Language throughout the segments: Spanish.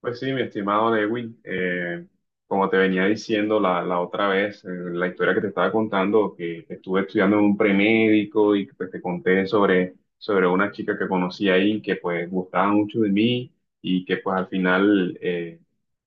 Pues sí, mi estimado Lewin, como te venía diciendo la otra vez, la historia que te estaba contando, que estuve estudiando en un premédico y pues te conté sobre una chica que conocí ahí que pues gustaba mucho de mí y que pues al final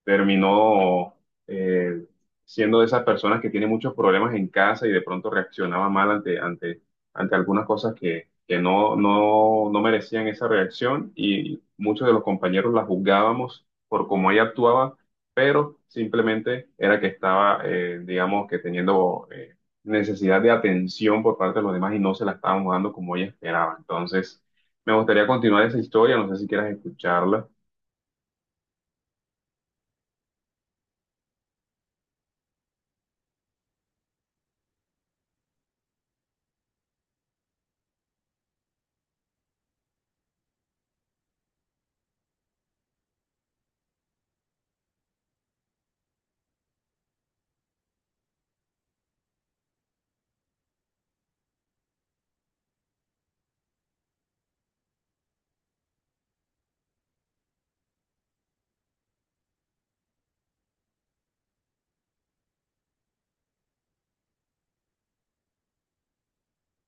terminó eh, siendo de esas personas que tienen muchos problemas en casa y de pronto reaccionaba mal ante algunas cosas que no merecían esa reacción, y muchos de los compañeros la juzgábamos por cómo ella actuaba, pero simplemente era que estaba, digamos, que teniendo necesidad de atención por parte de los demás y no se la estábamos dando como ella esperaba. Entonces, me gustaría continuar esa historia, no sé si quieras escucharla.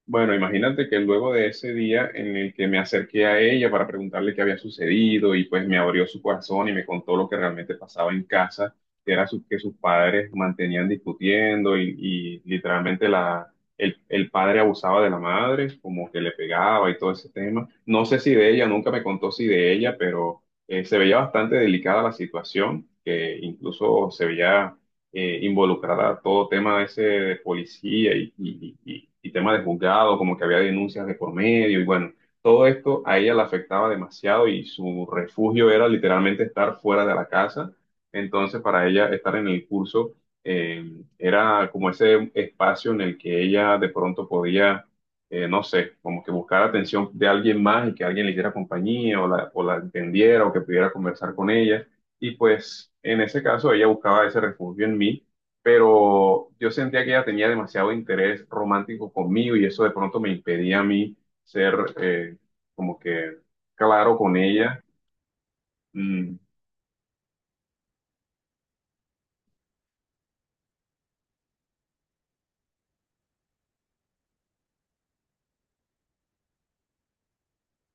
Bueno, imagínate que luego de ese día en el que me acerqué a ella para preguntarle qué había sucedido y pues me abrió su corazón y me contó lo que realmente pasaba en casa, que era que sus padres mantenían discutiendo y literalmente el padre abusaba de la madre, como que le pegaba y todo ese tema. No sé si de ella, nunca me contó si de ella, pero se veía bastante delicada la situación, que incluso se veía involucrada todo tema ese de policía y tema de juzgado, como que había denuncias de por medio y bueno, todo esto a ella la afectaba demasiado y su refugio era literalmente estar fuera de la casa. Entonces, para ella estar en el curso eh, era como ese espacio en el que ella de pronto podía... no sé, como que buscar atención de alguien más y que alguien le diera compañía o o la entendiera o que pudiera conversar con ella. Y pues en ese caso ella buscaba ese refugio en mí, pero yo sentía que ella tenía demasiado interés romántico conmigo y eso de pronto me impedía a mí ser como que claro con ella. Mm,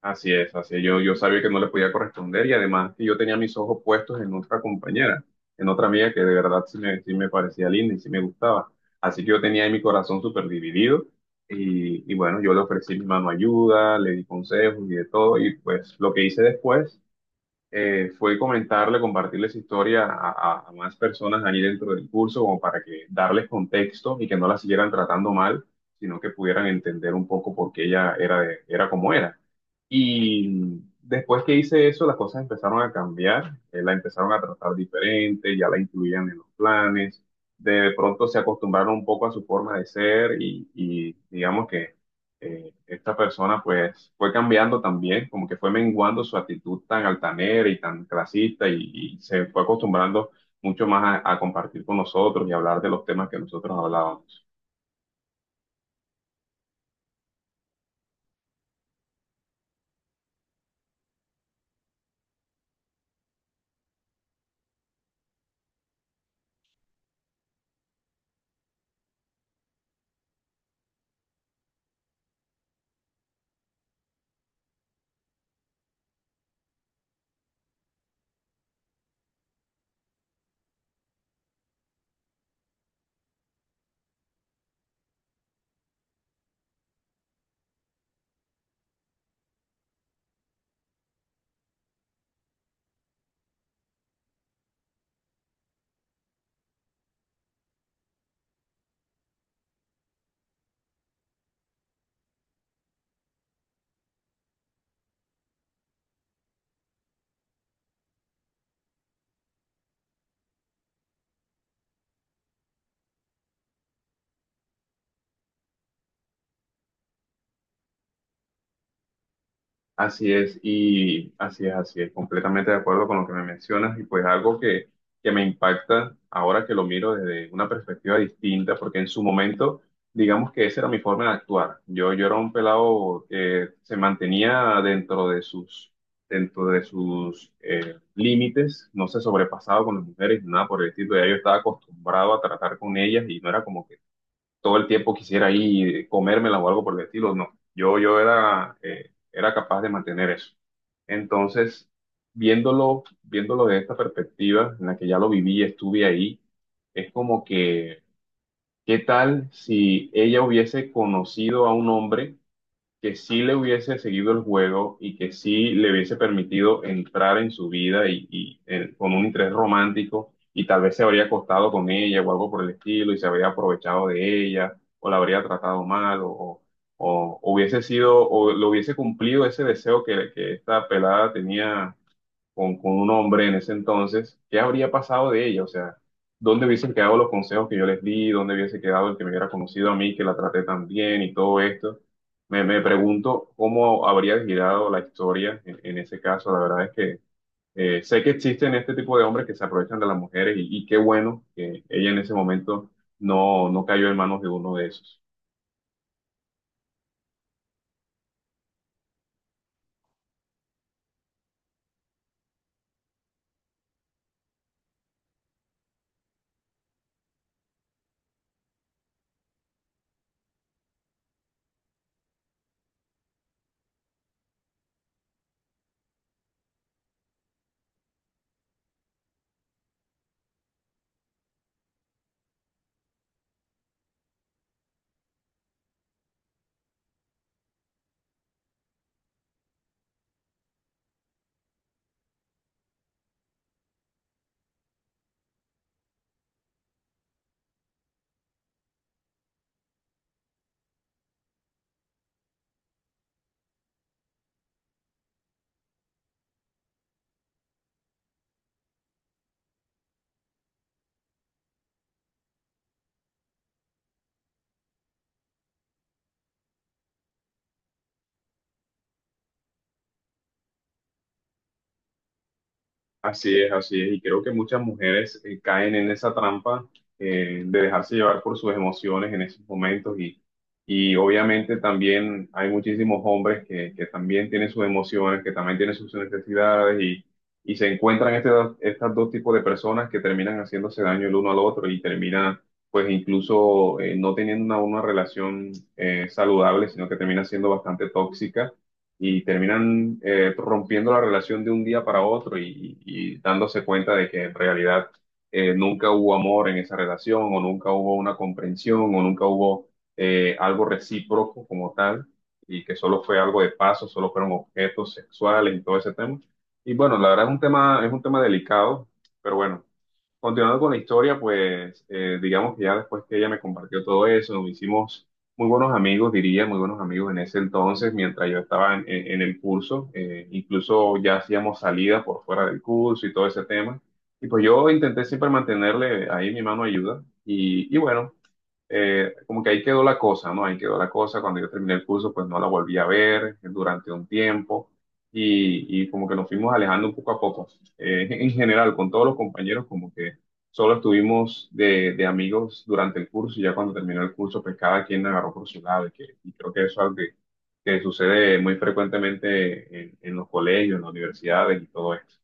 Así es, así es. Yo sabía que no le podía corresponder, y además que yo tenía mis ojos puestos en otra compañera, en otra amiga que de verdad sí me parecía linda y sí me gustaba. Así que yo tenía ahí mi corazón súper dividido y bueno, yo le ofrecí mi mano ayuda, le di consejos y de todo, y pues lo que hice después fue comentarle, compartirle esa historia a más personas ahí dentro del curso, como para que darles contexto y que no la siguieran tratando mal, sino que pudieran entender un poco por qué ella era, era como era. Y después que hice eso, las cosas empezaron a cambiar, la empezaron a tratar diferente, ya la incluían en los planes, de pronto se acostumbraron un poco a su forma de ser y digamos que esta persona pues fue cambiando también, como que fue menguando su actitud tan altanera y tan clasista y se fue acostumbrando mucho más a compartir con nosotros y hablar de los temas que nosotros hablábamos. Así es, y así es, completamente de acuerdo con lo que me mencionas, y pues algo que me impacta ahora que lo miro desde una perspectiva distinta, porque en su momento, digamos que esa era mi forma de actuar. Yo era un pelado que se mantenía dentro de dentro de sus límites, no se sobrepasaba con las mujeres, nada por el estilo, ya yo estaba acostumbrado a tratar con ellas y no era como que todo el tiempo quisiera ahí comérmelas o algo por el estilo, no. Yo era, era capaz de mantener eso. Entonces, viéndolo de esta perspectiva en la que ya lo viví y estuve ahí, es como que, ¿qué tal si ella hubiese conocido a un hombre? Que sí le hubiese seguido el juego y que sí le hubiese permitido entrar en su vida con un interés romántico, y tal vez se habría acostado con ella o algo por el estilo y se habría aprovechado de ella o la habría tratado mal, o hubiese sido o lo hubiese cumplido ese deseo que esta pelada tenía con un hombre en ese entonces, ¿qué habría pasado de ella? O sea, ¿dónde hubiesen quedado los consejos que yo les di? ¿Dónde hubiese quedado el que me hubiera conocido a mí, que la traté tan bien y todo esto? Me pregunto cómo habría girado la historia en ese caso. La verdad es que sé que existen este tipo de hombres que se aprovechan de las mujeres, y qué bueno que ella en ese momento no cayó en manos de uno de esos. Así es, así es. Y creo que muchas mujeres caen en esa trampa, de dejarse llevar por sus emociones en esos momentos. Y obviamente también hay muchísimos hombres que también tienen sus emociones, que también tienen sus necesidades y se encuentran estos dos tipos de personas que terminan haciéndose daño el uno al otro y terminan pues incluso no teniendo una relación saludable, sino que termina siendo bastante tóxica y terminan rompiendo la relación de un día para otro, y dándose cuenta de que en realidad nunca hubo amor en esa relación, o nunca hubo una comprensión, o nunca hubo algo recíproco como tal, y que solo fue algo de paso, solo fueron objetos sexuales y todo ese tema. Y bueno, la verdad es un tema delicado, pero bueno. Continuando con la historia, pues digamos que ya después que ella me compartió todo eso, nos hicimos muy buenos amigos, diría, muy buenos amigos en ese entonces, mientras yo estaba en, en el curso, incluso ya hacíamos salida por fuera del curso y todo ese tema. Y pues yo intenté siempre mantenerle ahí mi mano de ayuda. Y bueno, como que ahí quedó la cosa, ¿no? Ahí quedó la cosa. Cuando yo terminé el curso, pues no la volví a ver durante un tiempo, y como que nos fuimos alejando un poco a poco. En general, con todos los compañeros, como que solo estuvimos de amigos durante el curso, y ya cuando terminó el curso, pues cada quien agarró por su lado, y creo que eso es algo que sucede muy frecuentemente en los colegios, en las universidades y todo esto.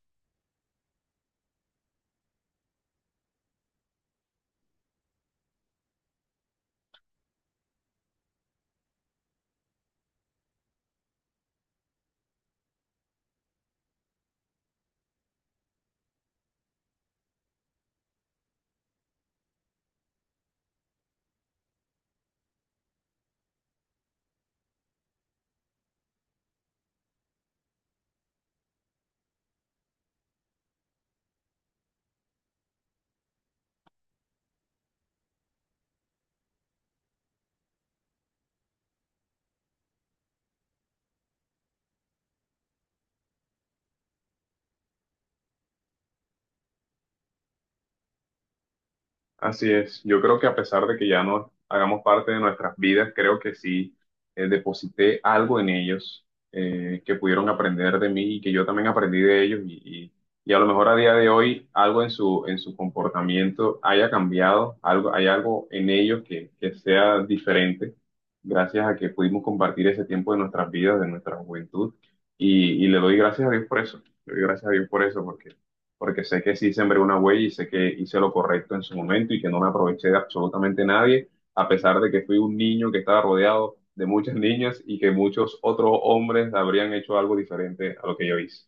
Así es, yo creo que a pesar de que ya no hagamos parte de nuestras vidas, creo que sí deposité algo en ellos, que pudieron aprender de mí y que yo también aprendí de ellos, y a lo mejor a día de hoy algo en en su comportamiento haya cambiado, algo, hay algo en ellos que sea diferente gracias a que pudimos compartir ese tiempo de nuestras vidas, de nuestra juventud, y le doy gracias a Dios por eso, le doy gracias a Dios por eso porque sé que sí sembré una huella y sé que hice lo correcto en su momento y que no me aproveché de absolutamente nadie, a pesar de que fui un niño que estaba rodeado de muchas niñas y que muchos otros hombres habrían hecho algo diferente a lo que yo hice.